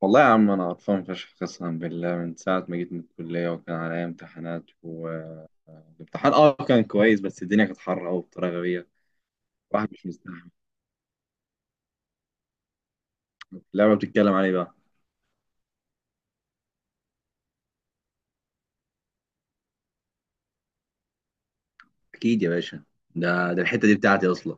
والله يا عم انا قرفان فشخ قسما بالله من ساعه ما جيت من الكليه وكان عليا امتحانات والامتحان اه كان كويس، بس الدنيا كانت حر قوي بطريقه غبيه. واحد مش مستحمل. اللعبه بتتكلم عليه بقى. اكيد يا باشا، ده الحته دي بتاعتي اصلا.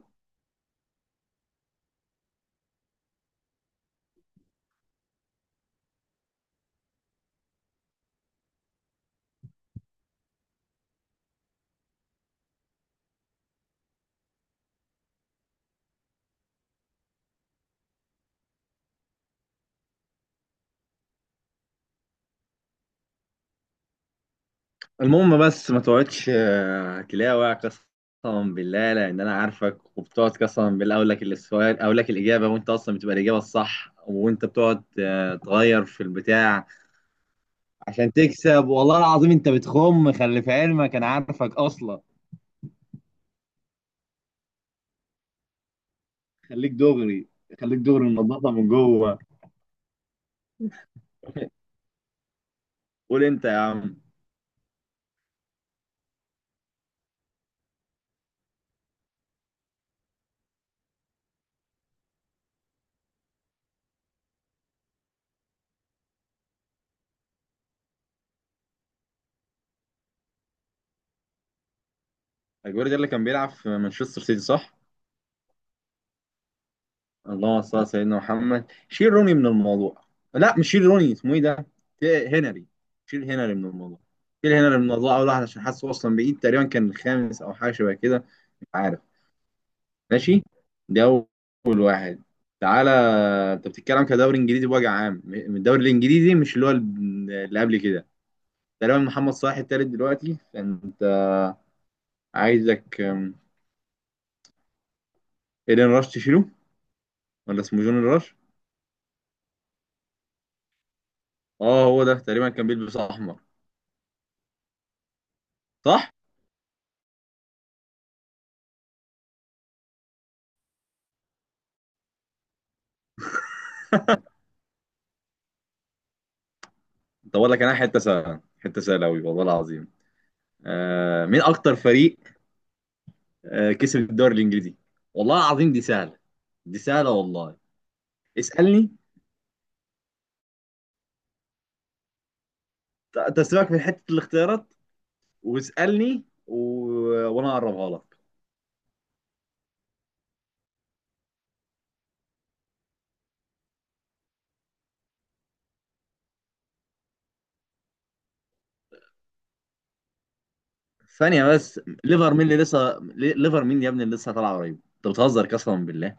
المهم بس ما تقعدش تلاوع قسما بالله، لان انا عارفك وبتقعد قسما بالله اقول لك السؤال، اقول لك الاجابه وانت اصلا بتبقى الاجابه الصح وانت بتقعد تغير في البتاع عشان تكسب. والله العظيم انت بتخم، خلي في علمك انا عارفك اصلا. خليك دغري، خليك دغري منضفه من جوه. قول انت يا عم. اجويرو ده اللي كان بيلعب في مانشستر سيتي صح؟ اللهم صل على سيدنا محمد، شيل روني من الموضوع. لا مش شيل روني، اسمه ايه ده؟ شيل هنري. شيل هنري من الموضوع، شيل هنري من الموضوع اول واحد عشان حاسه اصلا بعيد، تقريبا كان الخامس او حاجه شبه كده. مش عارف. ماشي. ده اول واحد. تعالى. انت بتتكلم كدوري انجليزي بوجه عام من الدوري الانجليزي، مش اللي هو اللي قبل كده. تقريبا محمد صلاح التالت دلوقتي، فانت عايزك ايدن راش تشيله ولا اسمه جون راش. اه هو ده، تقريبا كان بيلبس احمر. صح. طب اقول لك انا حته سهله، حته سهله قوي والله العظيم. مين اكتر فريق كسب الدوري الانجليزي. والله العظيم دي سهله، دي سهله والله. اسالني. تسيبك في حته الاختيارات واسالني وانا اقربها لك. ثانيه بس، ليفر مين اللي لسه ليفر مين يا ابني اللي لسه طالعه قريب؟ انت بتهزر قسما بالله.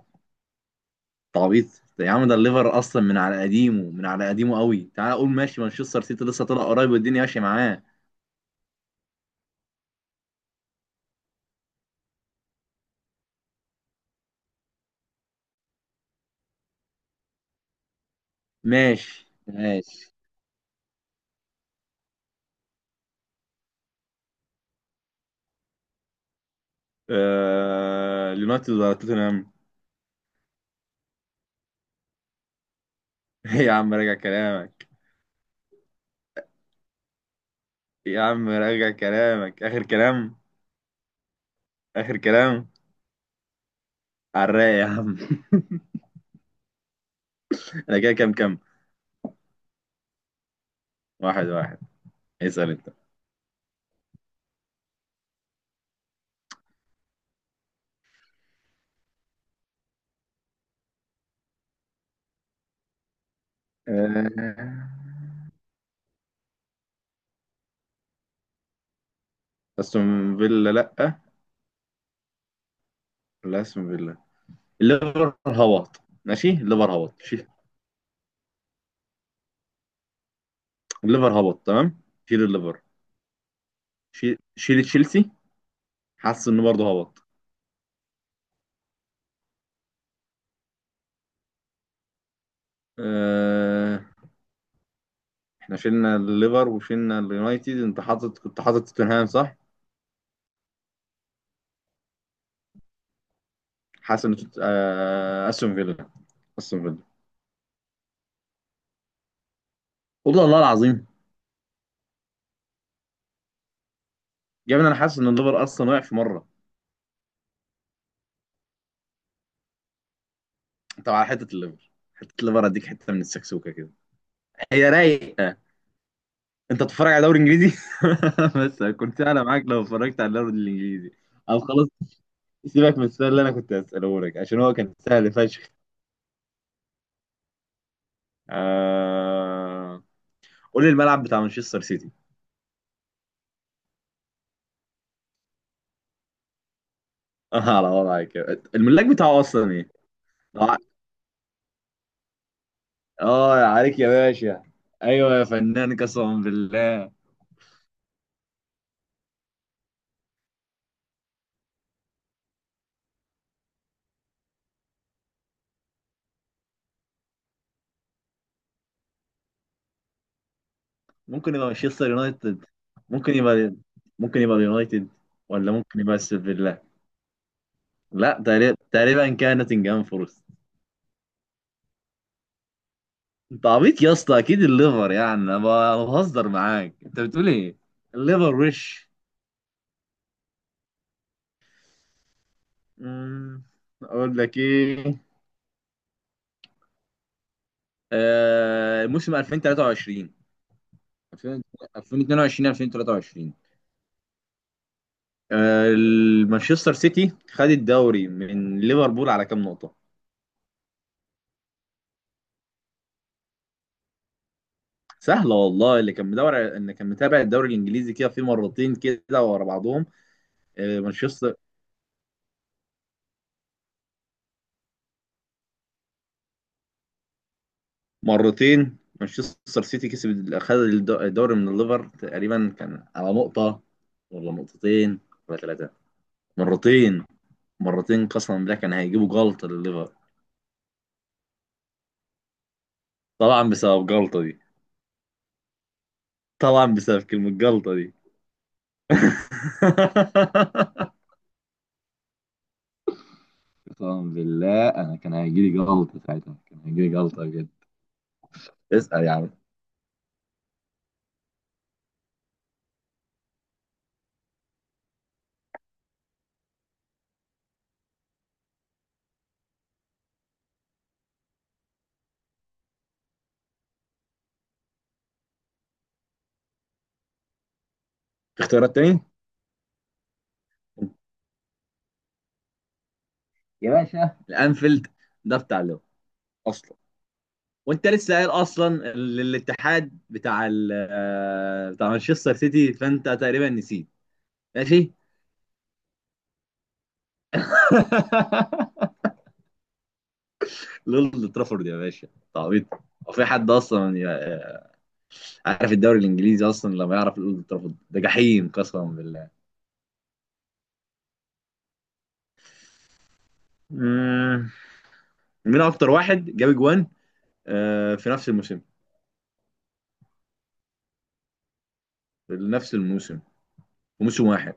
تعويض. يا عم ده الليفر اصلا من على قديمه، من على قديمه قوي. تعال اقول ماشي، مانشستر سيتي لسه طلع قريب والدنيا ماشيه معاه. ماشي ماشي. اليونايتد ولا توتنهام؟ إيه يا عم، راجع كلامك. يا عم راجع كلامك، اخر كلام. اخر كلام. على الرايق يا عم. انا كده كام كام؟ واحد واحد. اسال انت. آه، استون فيلا لا، لا استون فيلا. الليفر هبط. ماشي، الليفر هبط، شيل. الليفر هبط تمام، شيل الليفر. شيل تشيلسي، حاسس انه برضه هبط. آه، احنا شلنا الليفر وشلنا اليونايتد، انت حاطط، كنت حاطط توتنهام صح؟ حاسس ان استون فيلا، استون فيلا. والله الله العظيم. يا ابني انا حاسس ان الليفر اصلا وقع في مره. انت على حته الليفر، حته الليفر اديك حته من السكسوكه كده. هي رايقه. انت بتتفرج على دوري انجليزي؟ بس كنت انا معاك لو اتفرجت على الدوري الانجليزي. او خلاص، سيبك من السؤال اللي انا كنت هساله لك عشان هو كان سهل فشخ. آه... قول لي الملعب بتاع مانشستر سيتي. اه على وضعك، الملاك بتاعه اصلا ايه؟ اه، عليك يا باشا. ايوه يا فنان قسما بالله. ممكن يبقى مانشستر يونايتد، ممكن يبقى، ممكن يبقى اليونايتد، ولا ممكن يبقى استون فيلا. لا، تقريبا تقريبا كان نوتنجهام فورست. انت عبيط يا اسطى، اكيد الليفر يعني، انا أنا بهزر معاك، انت بتقول ايه؟ الليفر وش. مم، اقول لك ايه؟ موسم 2023، 2022 2023. المانشستر سيتي خد الدوري من ليفربول على كام نقطة؟ سهلة والله، اللي كان مدور، اللي كان متابع الدوري الانجليزي كده في مرتين كده ورا بعضهم. مانشستر، مرتين مانشستر سيتي كسب، خد الدوري من الليفر، تقريبا كان على نقطة ولا نقطتين ولا ثلاثة؟ مرتين، مرتين قسما بالله كان هيجيبوا جلطة للليفر. طبعا بسبب جلطة دي. طبعا بسبب كلمة جلطة دي. قسما بالله انا كان هيجيلي جلطه ساعتها، كان هيجيلي جلطه بجد. اسال يا عم. في اختيارات تاني؟ يا باشا الانفيلد، ده بتاع لو اصلا، وانت لسه قايل اصلا الاتحاد بتاع ال آه، بتاع مانشستر سيتي، فانت تقريبا نسيت. ماشي. لولد ترافورد يا باشا، تعبيط. هو في حد اصلا عارف الدوري الانجليزي اصلا لما يعرف الاولد ترافورد ده؟ جحيم قسما بالله. مم. مين اكتر واحد جاب جوان في نفس الموسم، لنفس الموسم، وموسم واحد؟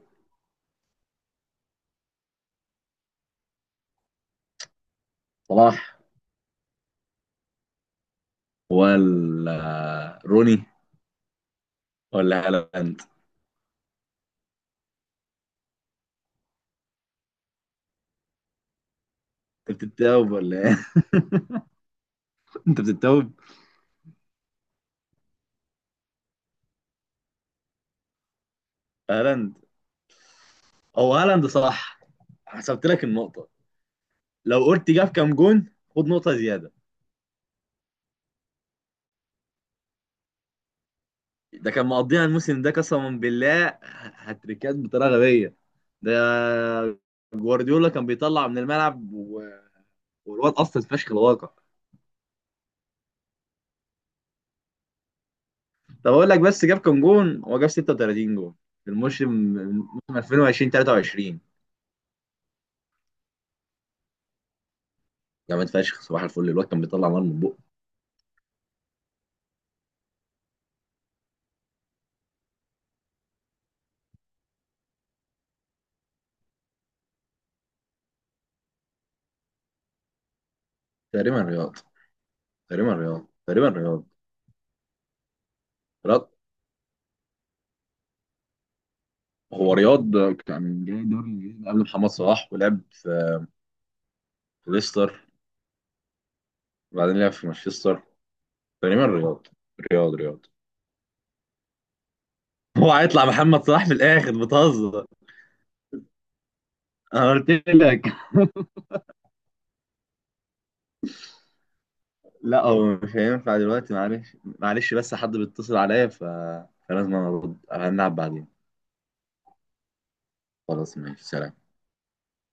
صلاح ولا روني ولا هالاند؟ انت بتتوب ولا ايه؟ انت بتتوب. هالاند. هو هالاند صح. حسبت لك النقطة، لو قلت جاب كام جون خد نقطة زيادة. ده كان مقضيها الموسم ده قسما بالله، هتريكات بطريقة غبية. ده جوارديولا كان بيطلع من الملعب والواد اصلا فشخ الواقع. طب اقول لك بس، جاب كام جون؟ هو جاب 36 جون في الموسم، الموسم 2020 23. جامد فشخ صباح الفل، الواد كان بيطلع نار من بقه. تقريبا رياض. تقريبا رياض، تقريبا رياض. رياض. هو رياض كان جاي دوري الانجليزي قبل محمد صلاح ولعب في ليستر، وبعدين لعب في مانشستر. تقريبا رياض، رياض رياض. هو هيطلع محمد صلاح في الاخر، بتهزر. انا قلت لك. لا هو مش هينفع دلوقتي، معلش معلش بس حد بيتصل عليا فلازم أنا ارد، هنلعب بعدين. خلاص ماشي سلام.